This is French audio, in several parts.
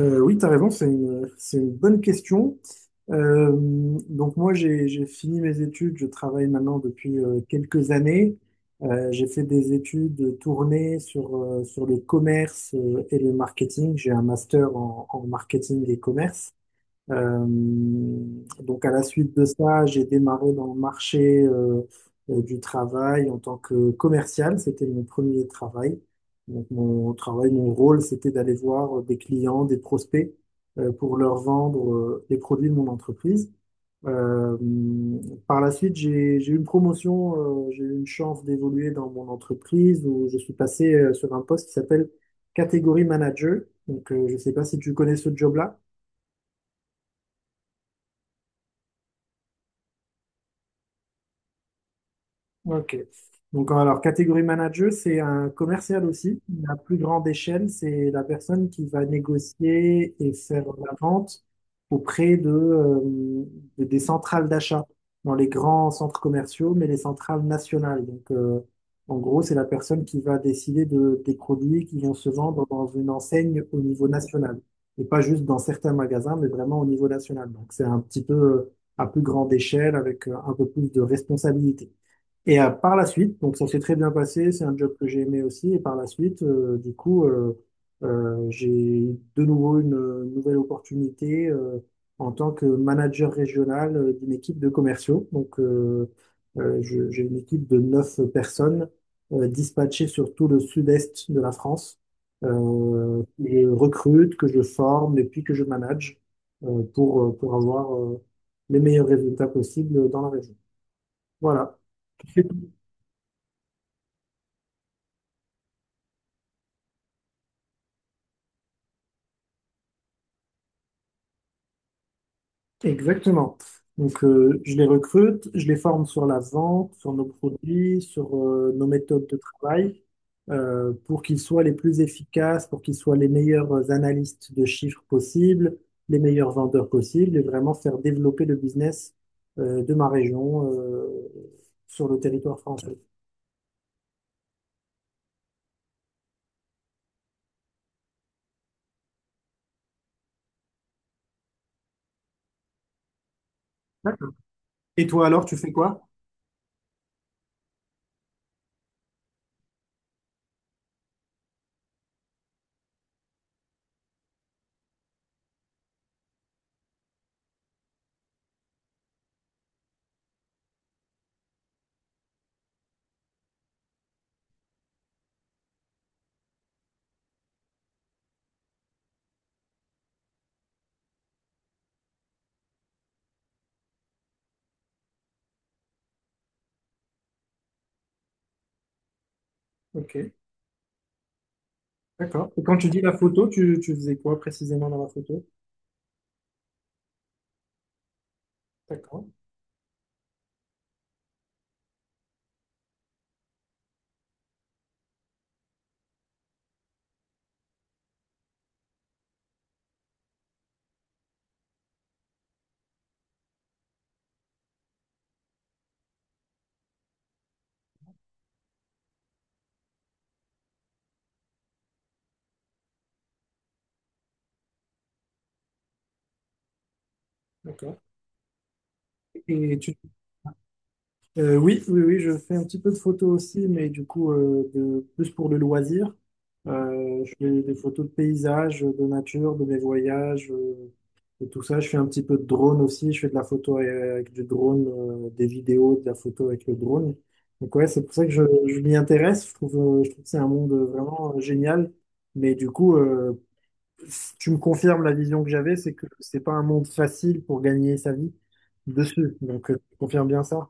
Oui, tu as raison, c'est c'est une bonne question. Euh, donc moi, j'ai fini mes études, je travaille maintenant depuis quelques années. J'ai fait des études tournées sur le commerce et le marketing. J'ai un master en marketing et commerce. Euh, donc à la suite de ça, j'ai démarré dans le marché du travail en tant que commercial. C'était mon premier travail. Donc mon travail, mon rôle, c'était d'aller voir des clients, des prospects pour leur vendre les produits de mon entreprise. Euh, Par la suite, j'ai eu une promotion, j'ai eu une chance d'évoluer dans mon entreprise où je suis passé sur un poste qui s'appelle catégorie manager. Donc je ne sais pas si tu connais ce job-là. Ok. Donc, alors, catégorie manager, c'est un commercial aussi. La plus grande échelle, c'est la personne qui va négocier et faire la vente auprès de des centrales d'achat dans les grands centres commerciaux, mais les centrales nationales. Donc, en gros, c'est la personne qui va décider des produits qui vont se vendre dans une enseigne au niveau national. Et pas juste dans certains magasins, mais vraiment au niveau national. Donc, c'est un petit peu à plus grande échelle avec un peu plus de responsabilité. Et par la suite, donc ça s'est très bien passé, c'est un job que j'ai aimé aussi. Et par la suite, du coup, j'ai de nouveau une nouvelle opportunité en tant que manager régional d'une équipe de commerciaux. Donc, j'ai une équipe de neuf personnes dispatchées sur tout le sud-est de la France, que je recrute, que je forme et puis que je manage pour pour avoir les meilleurs résultats possibles dans la région. Voilà. Exactement. Donc, je les recrute, je les forme sur la vente, sur nos produits, sur nos méthodes de travail, pour qu'ils soient les plus efficaces, pour qu'ils soient les meilleurs analystes de chiffres possibles, les meilleurs vendeurs possibles, et vraiment faire développer le business de ma région sur le territoire français. Et toi alors, tu fais quoi? Ok, d'accord. Et quand tu dis la photo, tu faisais quoi précisément dans la photo? D'accord, d'accord. Et oui, oui, oui, je fais un petit peu de photos aussi, mais du coup, plus pour le loisir. Je fais des photos de paysages, de nature, de mes voyages, et tout ça. Je fais un petit peu de drone aussi. Je fais de la photo avec du drone, des vidéos, de la photo avec le drone. Donc ouais, c'est pour ça que je m'y intéresse. Je trouve que c'est un monde vraiment génial. Mais du coup, tu me confirmes la vision que j'avais, c'est que c'est pas un monde facile pour gagner sa vie dessus. Donc, tu confirmes bien ça?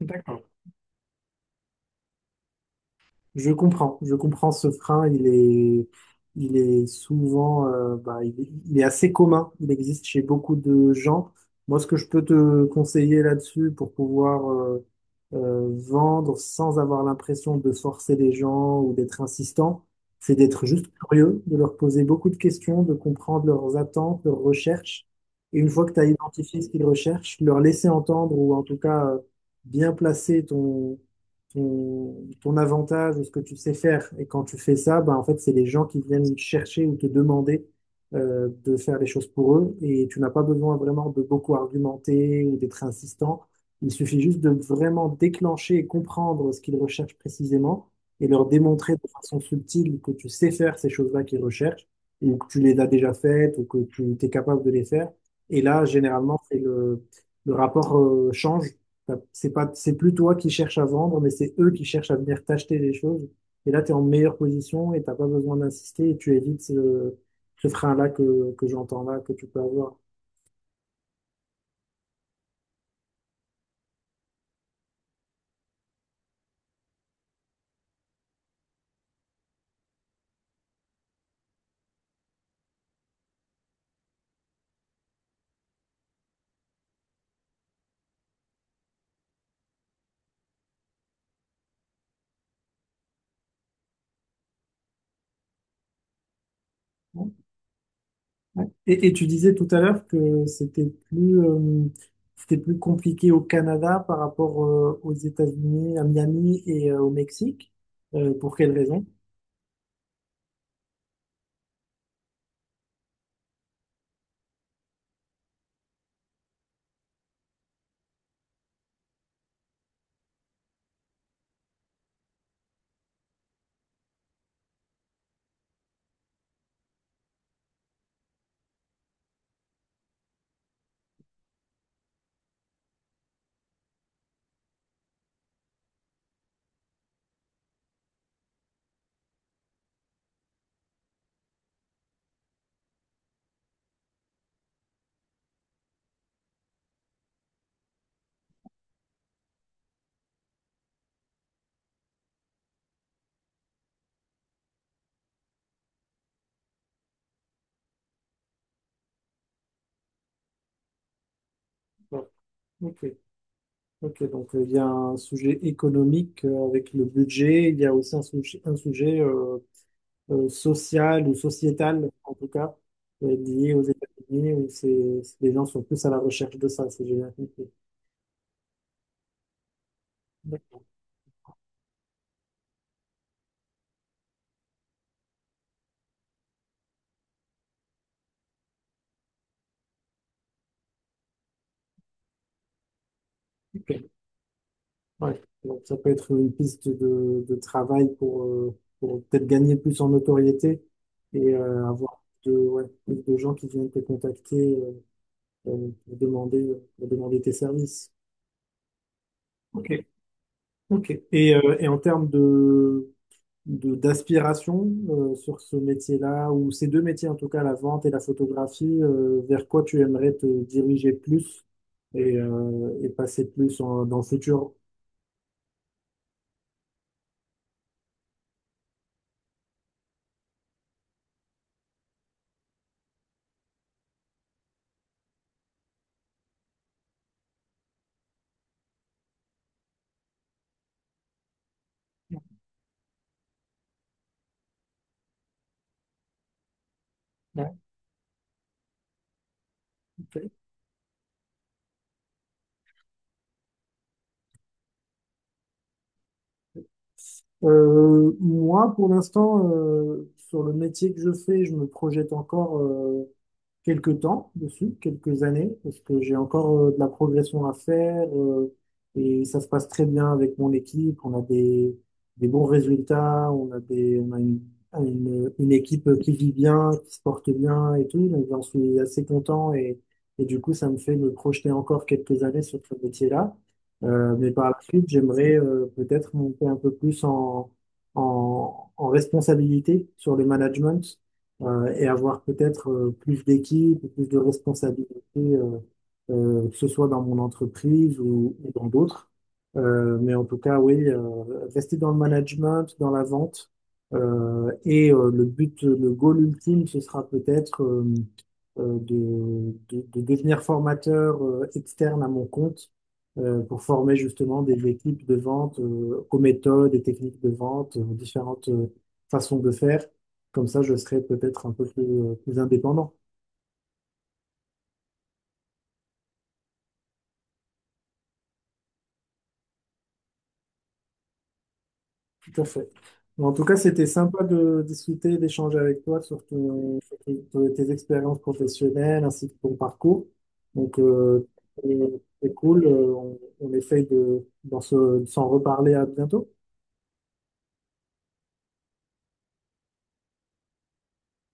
D'accord. Je comprends ce frein, il est souvent, bah, il est assez commun, il existe chez beaucoup de gens. Moi, ce que je peux te conseiller là-dessus pour pouvoir vendre sans avoir l'impression de forcer les gens ou d'être insistant, c'est d'être juste curieux, de leur poser beaucoup de questions, de comprendre leurs attentes, leurs recherches. Et une fois que tu as identifié ce qu'ils recherchent, leur laisser entendre ou en tout cas bien placer ton, ton avantage ou ce que tu sais faire. Et quand tu fais ça, bah, en fait, c'est les gens qui viennent chercher ou te demander de faire les choses pour eux. Et tu n'as pas besoin vraiment de beaucoup argumenter ou d'être insistant. Il suffit juste de vraiment déclencher et comprendre ce qu'ils recherchent précisément et leur démontrer de façon subtile que tu sais faire ces choses-là qu'ils recherchent ou que tu les as déjà faites ou que tu es capable de les faire. Et là, généralement, le rapport change. T'as- C'est pas, c'est plus toi qui cherches à vendre, mais c'est eux qui cherchent à venir t'acheter les choses. Et là, tu es en meilleure position et t'as pas besoin d'insister et tu évites ce frein-là que j'entends là, que tu peux avoir. Ouais. Et tu disais tout à l'heure que c'était c'était plus compliqué au Canada par rapport aux États-Unis, à Miami et au Mexique. Pour quelle raison? Bon, Ok, ok. Donc il y a un sujet économique avec le budget. Il y a aussi un sujet, un sujet sociale ou sociétale, en tout cas, liée aux États-Unis, où les gens sont plus à la recherche de ça, si j'ai bien compris. Ok. Ouais. Donc, ça peut être une piste de travail pour peut-être gagner plus en notoriété et avoir ouais, plus de gens qui viennent te contacter pour demander tes services. Ok. Ok. Et en termes d'aspiration sur ce métier-là, ou ces deux métiers en tout cas, la vente et la photographie, vers quoi tu aimerais te diriger plus et et passer plus dans le futur? Ouais, ok. Moi, pour l'instant, sur le métier que je fais, je me projette encore quelques temps dessus, quelques années, parce que j'ai encore de la progression à faire et ça se passe très bien avec mon équipe. On a des bons résultats, on a une équipe qui vit bien, qui se porte bien et tout. Donc j'en suis assez content et du coup ça me fait me projeter encore quelques années sur ce métier-là. Mais par la suite, j'aimerais peut-être monter un peu plus en responsabilité sur le management et avoir peut-être plus d'équipe, plus de responsabilités, euh, que ce soit dans mon entreprise ou dans d'autres. Mais en tout cas, oui, rester dans le management, dans la vente. Et le but, le goal ultime, ce sera peut-être de, de devenir formateur externe à mon compte pour former justement des équipes de vente aux méthodes et techniques de vente, aux différentes façons de faire comme ça, je serai peut-être un peu plus indépendant. Tout à fait. Mais en tout cas, c'était sympa de discuter, d'échanger avec toi sur tes expériences professionnelles ainsi que ton parcours. Donc, c'est c'est cool. On essaye de s'en reparler à bientôt.